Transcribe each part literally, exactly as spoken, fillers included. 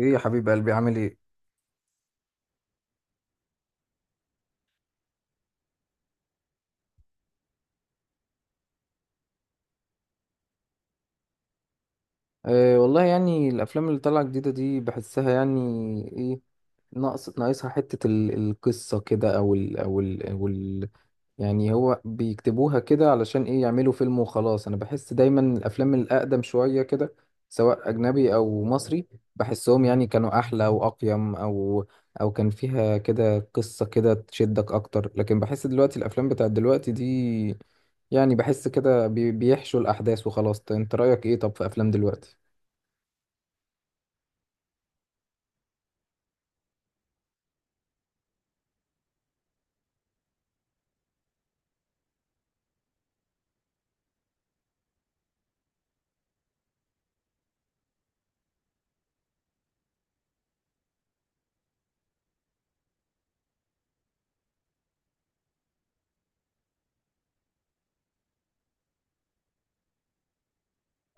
ايه يا حبيب قلبي، عامل ايه؟ أه والله، يعني الافلام اللي طالعه جديده دي بحسها يعني ايه، ناقص ناقصها حته ال- القصه كده، او ال او ال او ال يعني هو بيكتبوها كده علشان ايه، يعملوا فيلم وخلاص. انا بحس دايما الافلام الاقدم شويه كده، سواء اجنبي او مصري، بحسهم يعني كانوا احلى واقيم، او او كان فيها كده قصه كده تشدك اكتر. لكن بحس دلوقتي الافلام بتاعت دلوقتي دي، يعني بحس كده بي- بيحشوا الأحداث وخلاص. انت رأيك ايه طب في أفلام دلوقتي؟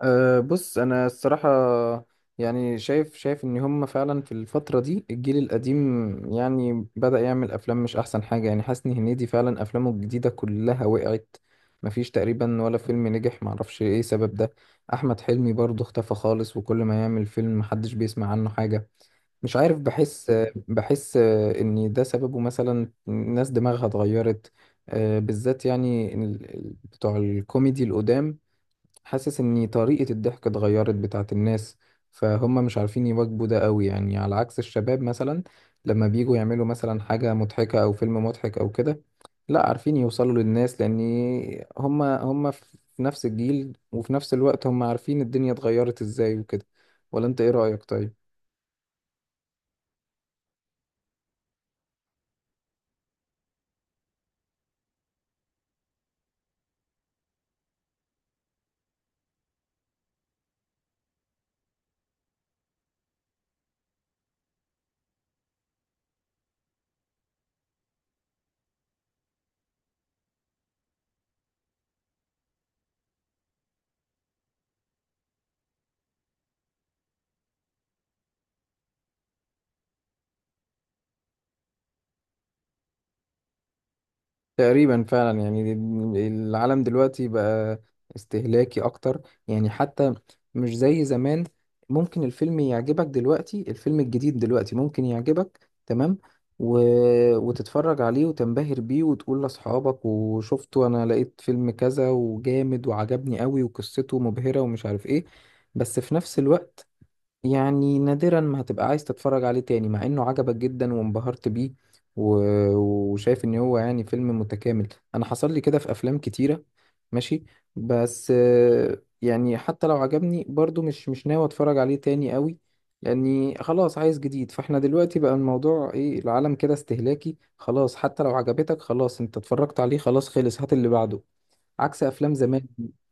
أه بص، أنا الصراحة يعني شايف شايف إن هم فعلا في الفترة دي الجيل القديم يعني بدأ يعمل أفلام مش أحسن حاجة. يعني حسني هنيدي فعلا أفلامه الجديدة كلها وقعت، مفيش تقريبا ولا فيلم نجح. معرفش ايه سبب ده. أحمد حلمي برضه اختفى خالص، وكل ما يعمل فيلم محدش بيسمع عنه حاجة. مش عارف، بحس بحس آه، ان ده سببه مثلا ناس دماغها اتغيرت. آه، بالذات يعني ال- ال- بتوع الكوميدي القدام حاسس ان طريقة الضحك اتغيرت بتاعت الناس، فهم مش عارفين يواكبوا ده قوي، يعني على عكس الشباب مثلا، لما بييجوا يعملوا مثلا حاجة مضحكة او فيلم مضحك او كده، لا عارفين يوصلوا للناس، لان هم هم في نفس الجيل، وفي نفس الوقت هم عارفين الدنيا اتغيرت ازاي وكده. ولا انت ايه رأيك طيب؟ تقريبا فعلا، يعني العالم دلوقتي بقى استهلاكي اكتر، يعني حتى مش زي زمان. ممكن الفيلم يعجبك دلوقتي، الفيلم الجديد دلوقتي ممكن يعجبك تمام و... وتتفرج عليه وتنبهر بيه وتقول لاصحابك وشفته، انا لقيت فيلم كذا وجامد وعجبني قوي وقصته مبهرة ومش عارف ايه. بس في نفس الوقت، يعني نادرا ما هتبقى عايز تتفرج عليه تاني، مع انه عجبك جدا وانبهرت بيه و... وشايف ان هو يعني فيلم متكامل. انا حصل لي كده في افلام كتيرة، ماشي، بس آه، يعني حتى لو عجبني برضو، مش مش ناوي اتفرج عليه تاني قوي، لاني خلاص عايز جديد. فاحنا دلوقتي بقى الموضوع ايه، العالم كده استهلاكي خلاص. حتى لو عجبتك خلاص، انت اتفرجت عليه خلاص، خلص، هات اللي بعده. عكس افلام زمان،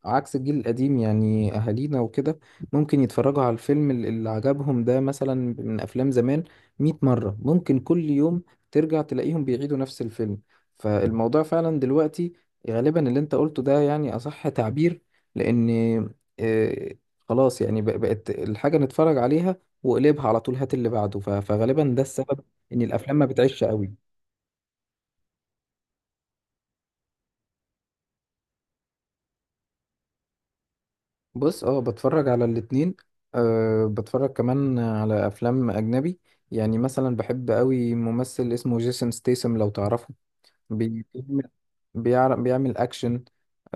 عكس الجيل القديم، يعني اهالينا وكده، ممكن يتفرجوا على الفيلم ال- اللي عجبهم ده مثلا من افلام زمان مية مرة، ممكن كل يوم ترجع تلاقيهم بيعيدوا نفس الفيلم. فالموضوع فعلا دلوقتي غالبا اللي انت قلته ده يعني اصح تعبير، لان آه، خلاص، يعني بق- بقت الحاجة نتفرج عليها وقلبها على طول، هات اللي بعده. ف- فغالبا ده السبب ان الافلام ما بتعيش قوي. بص، اه، بتفرج على الاتنين. أه، بتفرج كمان على افلام اجنبي، يعني مثلا بحب قوي ممثل اسمه جيسون ستيسم، لو تعرفه. بي- بيعمل بيعر- بيعمل اكشن.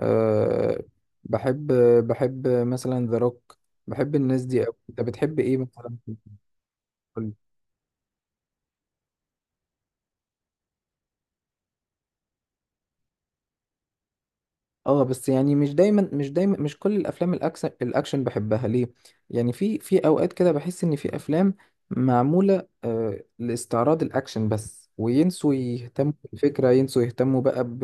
أه بحب بحب مثلا ذا روك. بحب الناس دي قوي. انت بتحب ايه مثلا؟ اه، بس يعني مش دايما مش دايما، مش كل الافلام الاكشن، الاكشن بحبها ليه. يعني في في اوقات كده بحس ان في افلام معموله آه لاستعراض الاكشن بس، وينسوا يهتموا بالفكره، ينسوا يهتموا بقى ب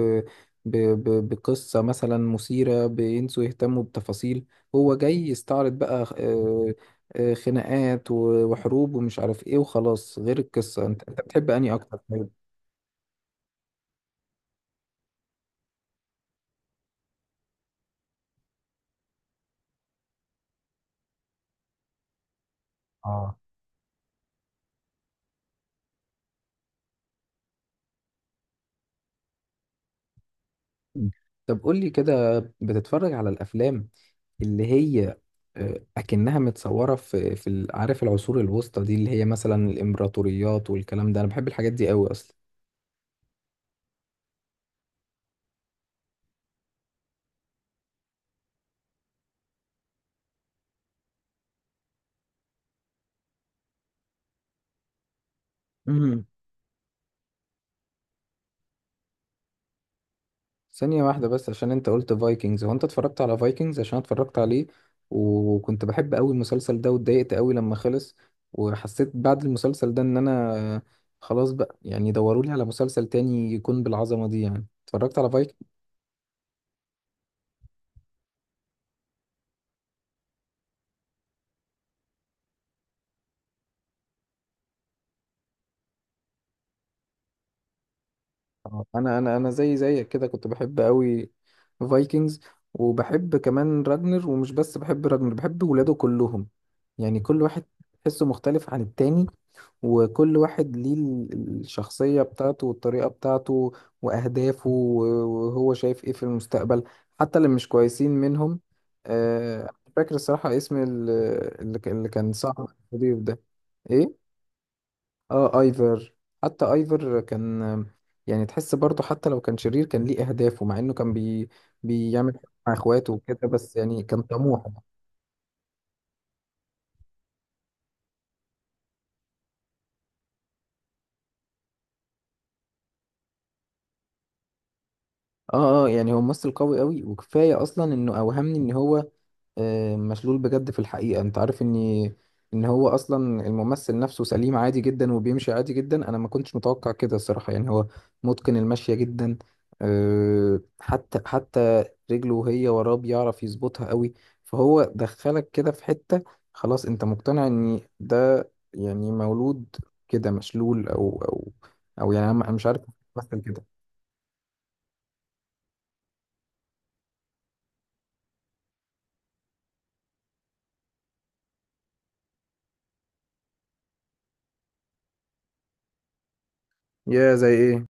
ب ب بقصه مثلا مثيره، بينسوا يهتموا بتفاصيل. هو جاي يستعرض بقى آه آه خناقات و- وحروب ومش عارف ايه وخلاص، غير القصه. انت انت بتحب انهي اكتر طيب؟ اه. مم. طب قول لي كده، بتتفرج على الافلام اللي هي آه، اكنها متصوره في في ال- عارف، العصور الوسطى دي، اللي هي مثلا الامبراطوريات والكلام ده، انا بحب الحاجات دي قوي اصلا. مهم. ثانيه واحده بس، عشان انت قلت فايكنجز، هو انت اتفرجت على فايكنجز؟ عشان أنا اتفرجت عليه وكنت بحب قوي المسلسل ده، واتضايقت قوي لما خلص. وحسيت بعد المسلسل ده ان انا خلاص بقى، يعني دوروا لي على مسلسل تاني يكون بالعظمه دي. يعني اتفرجت على آه، انا انا انا زي زيك كده، كنت بحب قوي فايكنجز. وبحب كمان راجنر، ومش بس بحب راجنر، بحب ولاده كلهم. يعني كل واحد تحسه مختلف عن التاني، وكل واحد ليه ال- الشخصية بتاعته والطريقة بتاعته وأهدافه، و- وهو شايف إيه في المستقبل. حتى اللي مش كويسين منهم، آه، مش فاكر الصراحة اسم ال- اللي ك- اللي كان صاحب الضيف ده. إيه؟ اه، ايفر. حتى ايفر كان يعني، تحس برضه حتى لو كان شرير، كان ليه اهدافه، مع انه كان بي بيعمل مع اخواته وكده، بس يعني كان طموح. اه اه، يعني هو ممثل قوي قوي، وكفايه اصلا انه اوهمني ان هو آه، مشلول بجد. في الحقيقة انت عارف اني، ان هو اصلا الممثل نفسه سليم عادي جدا وبيمشي عادي جدا. انا ما كنتش متوقع كده الصراحة، يعني هو متقن المشية جدا. آه، حتى حتى رجله وهي وراه بيعرف يظبطها قوي. فهو دخلك كده في حتة خلاص انت مقتنع ان ده يعني مولود كده مشلول، او او او يعني انا مش عارف مثلا كده. يا زي ايه؟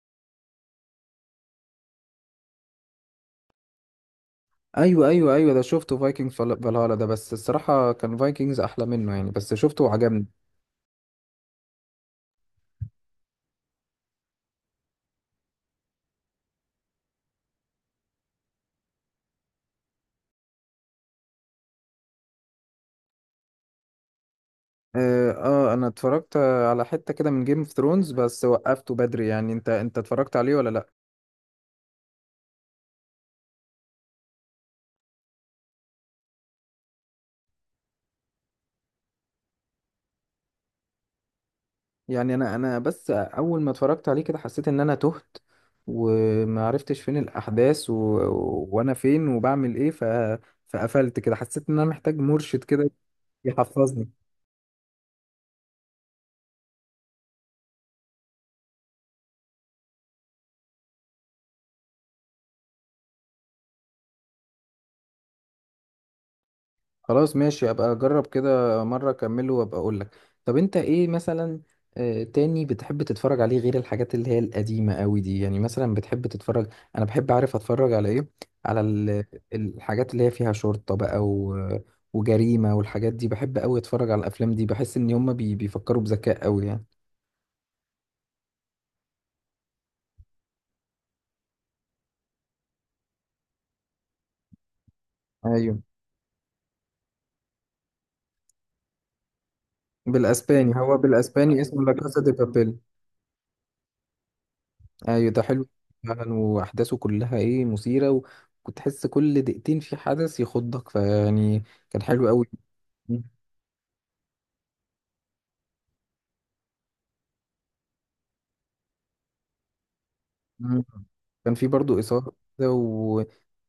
ايوه ايوه ايوه، ده شفته، فايكنج فالهالا ده، بس الصراحه كان فايكنجز احلى منه، يعني بس شفته وعجبني. آه, اه، انا اتفرجت على حته كده من جيم اوف ثرونز، بس وقفته بدري. يعني انت انت اتفرجت عليه ولا لا؟ يعني انا انا بس اول ما اتفرجت عليه كده، حسيت ان انا تهت وما عرفتش فين الاحداث و... وانا فين وبعمل ايه، ف... فقفلت كده، حسيت ان انا محتاج مرشد كده يحفظني. خلاص، ماشي، ابقى اجرب كده مره، اكمله وابقى اقول لك. طب انت ايه مثلا آه، تاني بتحب تتفرج عليه غير الحاجات اللي هي القديمه قوي دي؟ يعني مثلا بتحب تتفرج، انا بحب اعرف اتفرج على ايه. على ال- الحاجات اللي هي فيها شرطه بقى و... وجريمه، والحاجات دي بحب قوي اتفرج على الافلام دي. بحس ان هم بي... بيفكروا بذكاء قوي يعني. ايوه، بالاسباني، هو بالاسباني اسمه لا كاسا دي بابيل. ايوه ده حلو فعلا، واحداثه كلها ايه، مثيره، وكنت تحس كل دقيقتين في حدث يخضك فيعني كان حلو قوي. مم. كان في برضو إثارة كده و...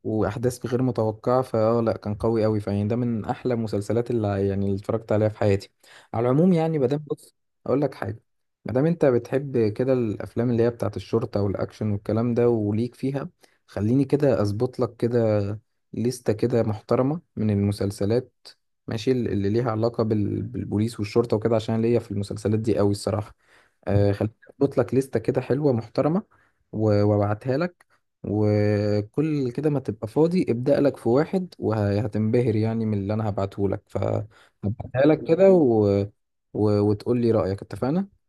وأحداث غير متوقعة، فأه، لأ، كان قوي أوي فيعني ده من أحلى المسلسلات اللي يعني اللي اتفرجت عليها في حياتي على العموم. يعني مادام بص، أقول لك حاجة، مادام أنت بتحب كده الأفلام اللي هي بتاعة الشرطة والأكشن والكلام ده وليك فيها، خليني كده أظبط لك كده لستة كده محترمة من المسلسلات، ماشي، اللي اللي ليها علاقة بال... بالبوليس والشرطة وكده، عشان ليا في المسلسلات دي أوي الصراحة. آه، خليني اظبط لك لستة كده حلوة محترمة و- وابعتها لك. وكل كده ما تبقى فاضي ابدأ لك في واحد، وهتنبهر يعني من اللي انا هبعته لك، فهبعتها لك كده و... و... وتقول لي رأيك، اتفقنا؟